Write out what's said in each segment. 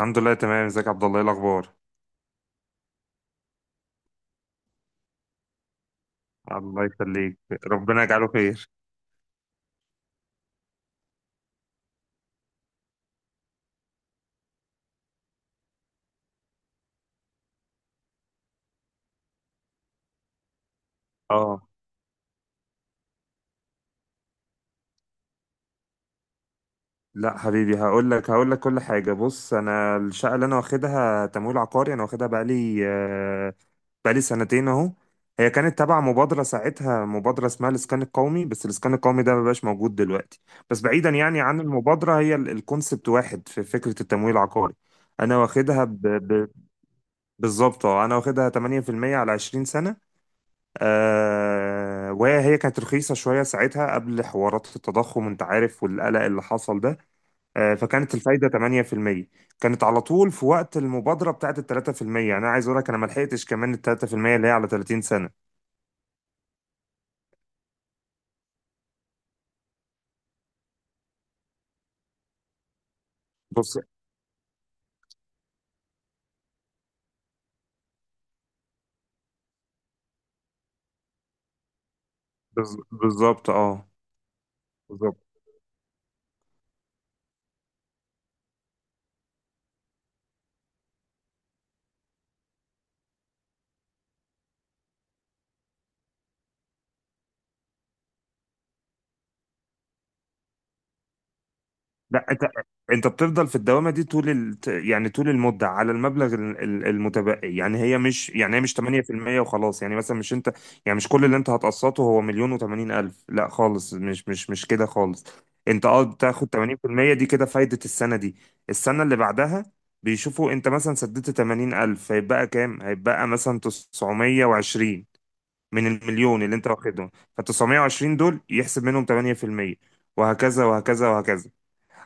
الحمد لله، تمام. ازيك يا عبد الله؟ ايه الاخبار؟ الله يخليك. ربنا يجعله خير. اه، لا حبيبي، هقول لك كل حاجه. بص، انا الشقه اللي انا واخدها تمويل عقاري، انا واخدها بقالي سنتين اهو. هي كانت تبع مبادره ساعتها، مبادره اسمها الاسكان القومي، بس الاسكان القومي ده مبقاش موجود دلوقتي. بس بعيدا يعني عن المبادره، هي الكونسبت واحد في فكره التمويل العقاري. انا واخدها ب... ب... بالظبط، انا واخدها 8% على 20 سنه. وهي كانت رخيصة شوية ساعتها قبل حوارات التضخم، انت عارف، والقلق اللي حصل ده. فكانت الفايدة 8%. كانت على طول في وقت المبادرة بتاعت ال 3%. انا عايز اقول لك، انا ما لحقتش كمان ال 3% اللي هي على 30 سنة. بص، بالظبط اه. لا، انت بتفضل في الدوامه دي طول يعني طول المده، على المبلغ المتبقي. يعني هي مش 8% وخلاص. يعني مثلا مش انت، يعني مش كل اللي انت هتقسطه هو مليون و80 الف. لا خالص، مش مش مش كده خالص. انت بتاخد 80% دي كده فايده السنه دي، السنه اللي بعدها. بيشوفوا انت مثلا سددت 80 الف هيبقى كام، هيبقى مثلا 920، من المليون اللي انت واخدهم. ف 920 دول يحسب منهم 8%، وهكذا وهكذا وهكذا.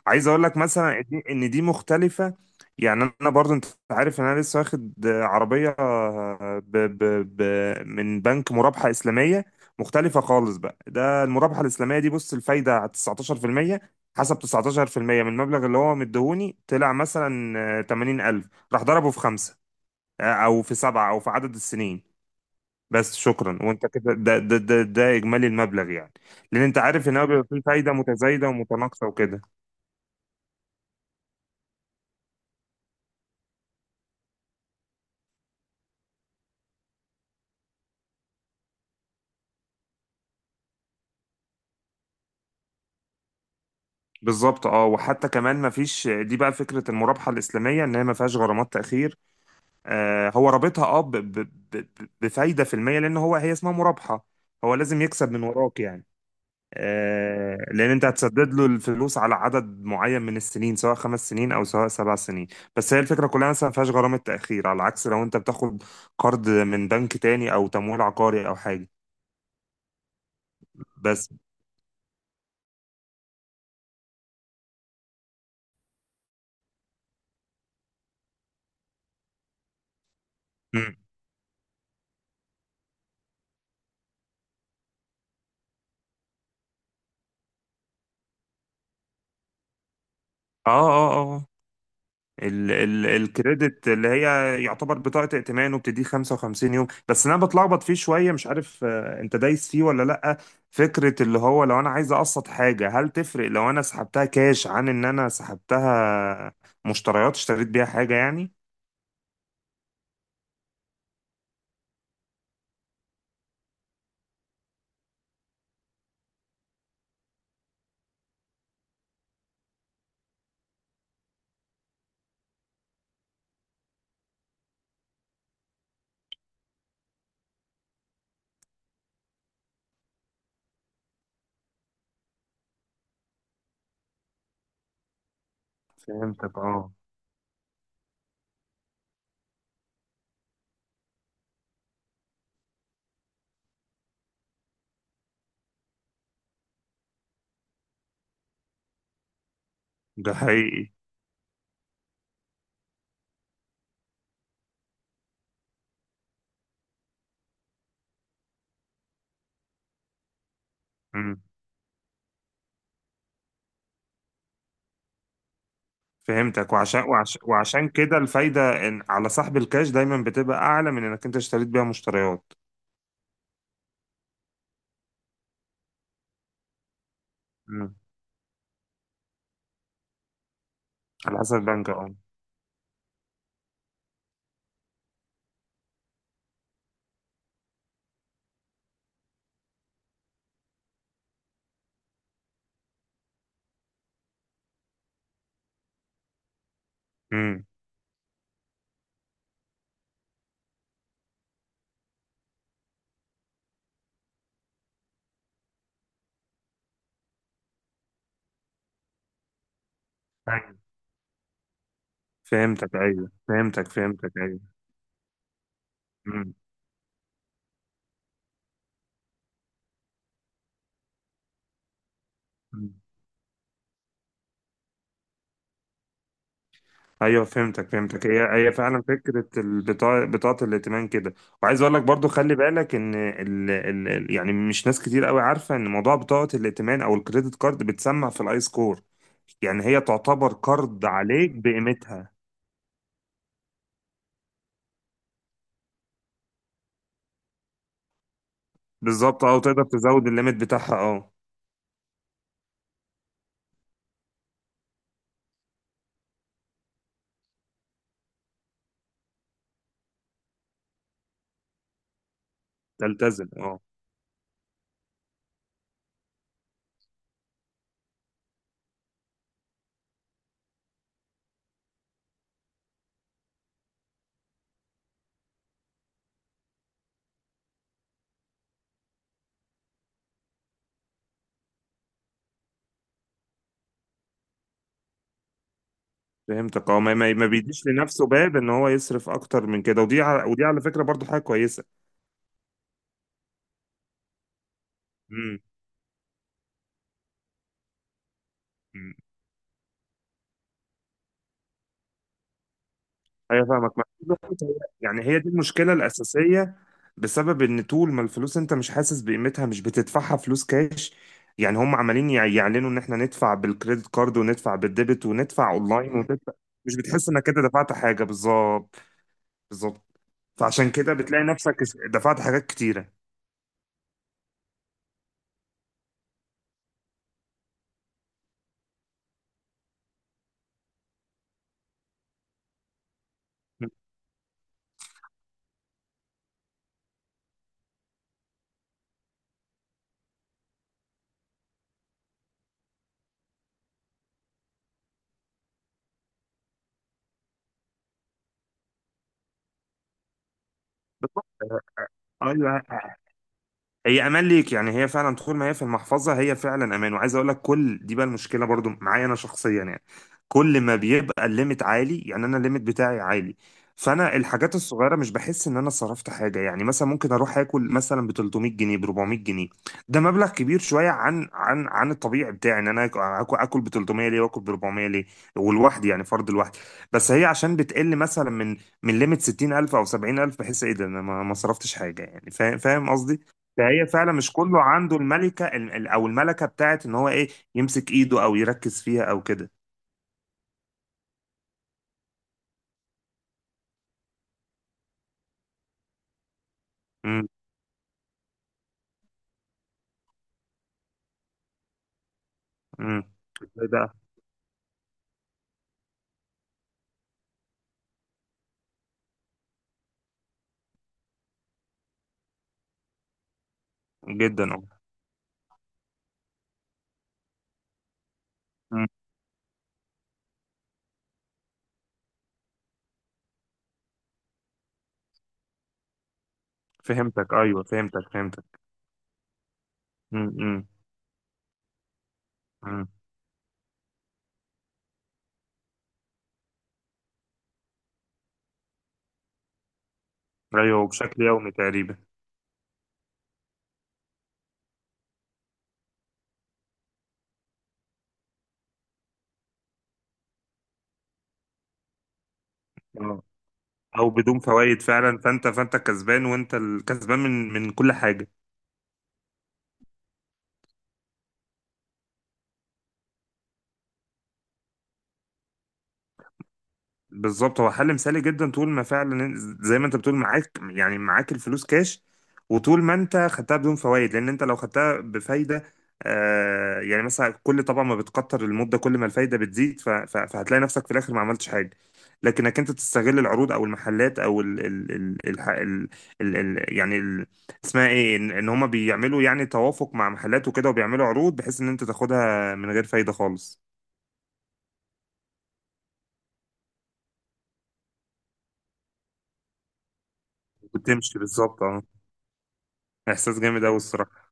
عايز اقول لك مثلا ان دي مختلفة. يعني انا برضو، انت عارف ان انا لسه واخد عربية ب ب ب من بنك مرابحة اسلامية مختلفة خالص بقى. ده المرابحة الاسلامية دي، بص، الفايدة على 19%. حسب 19% من المبلغ اللي هو مديهوني، طلع مثلا 80000، راح ضربه في خمسة، او في سبعة، او في عدد السنين. بس شكرا، وانت كده، ده اجمالي المبلغ يعني. لان انت عارف ان هو بيبقى فيه فايدة متزايدة ومتناقصة وكده. بالظبط اه، وحتى كمان ما فيش، دي بقى فكره المرابحه الاسلاميه، ان هي ما فيهاش غرامات تاخير. هو رابطها، بفايده في الميه، لان هو، هي اسمها مرابحه. هو لازم يكسب من وراك يعني. لان انت هتسدد له الفلوس على عدد معين من السنين، سواء 5 سنين او سواء 7 سنين. بس هي الفكره كلها مثلا، ما فيهاش غرامه تاخير، على عكس لو انت بتاخد قرض من بنك تاني او تمويل عقاري او حاجه بس. مم. اه، اه، آه، آه. ال ال الكريدت اللي هي يعتبر بطاقة ائتمان، وبتديه 55 يوم. بس انا بتلخبط فيه شوية، مش عارف، انت دايس فيه ولا لأ؟ فكرة اللي هو لو انا عايز اقسط حاجة، هل تفرق لو انا سحبتها كاش، عن ان انا سحبتها مشتريات، اشتريت بيها حاجة يعني؟ فهمتك اه. ده حقيقي. مم. فهمتك. وعشان كده الفايدة إن على سحب الكاش دايما بتبقى اعلى من انك انت اشتريت بيها مشتريات. مم. على حسب البنك اه. مم. فهمتك، ايوه، فهمتك، فهمتك، ايوه. مم. مم. ايوه، فهمتك، فهمتك، هي فعلا فكره البطاقه، بطاقه الائتمان كده. وعايز اقول لك برضو، خلي بالك ان يعني مش ناس كتير قوي عارفه ان موضوع بطاقه الائتمان او الكريدت كارد بتسمع في الاي سكور. يعني هي تعتبر قرض عليك بقيمتها. بالظبط اه، وتقدر تزود الليميت بتاعها اه. تلتزم اه. فهمتك اه، ما ما ما بيديش لنفسه باب ان هو يصرف اكتر من كده. ودي على فكره برضو حاجه كويسه. امم. ايوه فاهمك ما يعني هي دي المشكله الاساسيه. بسبب ان طول ما الفلوس انت مش حاسس بقيمتها، مش بتدفعها فلوس كاش. يعني هم عمالين يعلنوا ان احنا ندفع بالكريدت كارد، وندفع بالديبت، وندفع اونلاين، وندفع. مش بتحس انك كده دفعت حاجه. بالظبط. بالظبط. فعشان كده بتلاقي نفسك دفعت حاجات كتيره. بالظبط ايوه، هي امان ليك. يعني هي فعلا طول ما هي في المحفظه، هي فعلا امان. وعايز اقول لك كل دي بقى المشكله برضو معايا انا شخصيا يعني. كل ما بيبقى الليميت عالي، يعني انا الليميت بتاعي عالي، فانا الحاجات الصغيره مش بحس ان انا صرفت حاجه. يعني مثلا ممكن اروح اكل مثلا ب 300 جنيه، ب 400 جنيه. ده مبلغ كبير شويه عن الطبيعي بتاعي ان انا اكل. اكل ب 300 ليه، واكل ب 400 ليه؟ والواحد يعني فرد الواحد. بس هي عشان بتقل مثلا من ليميت 60000 او 70000، بحس ايه ده، انا ما صرفتش حاجه يعني. فاهم، فاهم قصدي. فهي فعلا مش كله عنده الملكة، او الملكة بتاعت ان هو ايه، يمسك ايده او يركز فيها او كده. امم، امم. ازاي بقى؟ جدا اه. أمم. فهمتك، ايوه، فهمتك، فهمتك. امم، امم. إمم. ايوه، وبشكل يومي تقريبا. اه، او بدون فوائد فعلا. فانت كسبان، وانت الكسبان من كل حاجة. بالظبط، هو حل مثالي جدا، طول ما فعلا زي ما انت بتقول معاك، يعني معاك الفلوس كاش، وطول ما انت خدتها بدون فوائد. لان انت لو خدتها بفايده، يعني مثلا كل، طبعا ما بتكتر المده كل ما الفايده بتزيد، فهتلاقي نفسك في الاخر ما عملتش حاجه. لكنك انت تستغل العروض او المحلات او ال ال ال ال ال ال ال يعني ال اسمها ايه، ان هما بيعملوا يعني توافق مع محلات وكده، وبيعملوا عروض بحيث ان انت تاخدها من غير فايده خالص. وتمشي بالظبط اه. احساس جامد قوي الصراحه.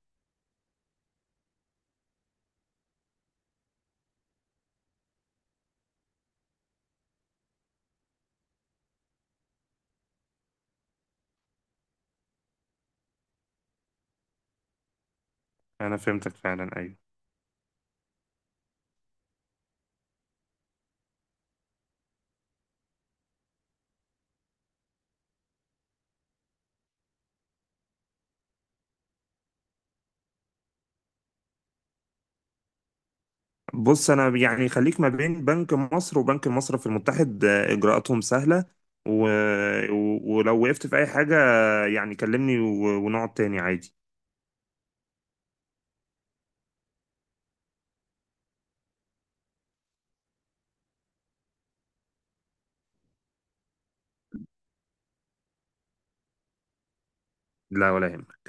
انا فهمتك فعلا ايوه. بص، انا يعني خليك ما بين بنك مصر وبنك المصرف المتحد، اجراءاتهم سهله. و... ولو وقفت في اي حاجه، يعني كلمني ونقعد تاني عادي. لا، ولا يهمك.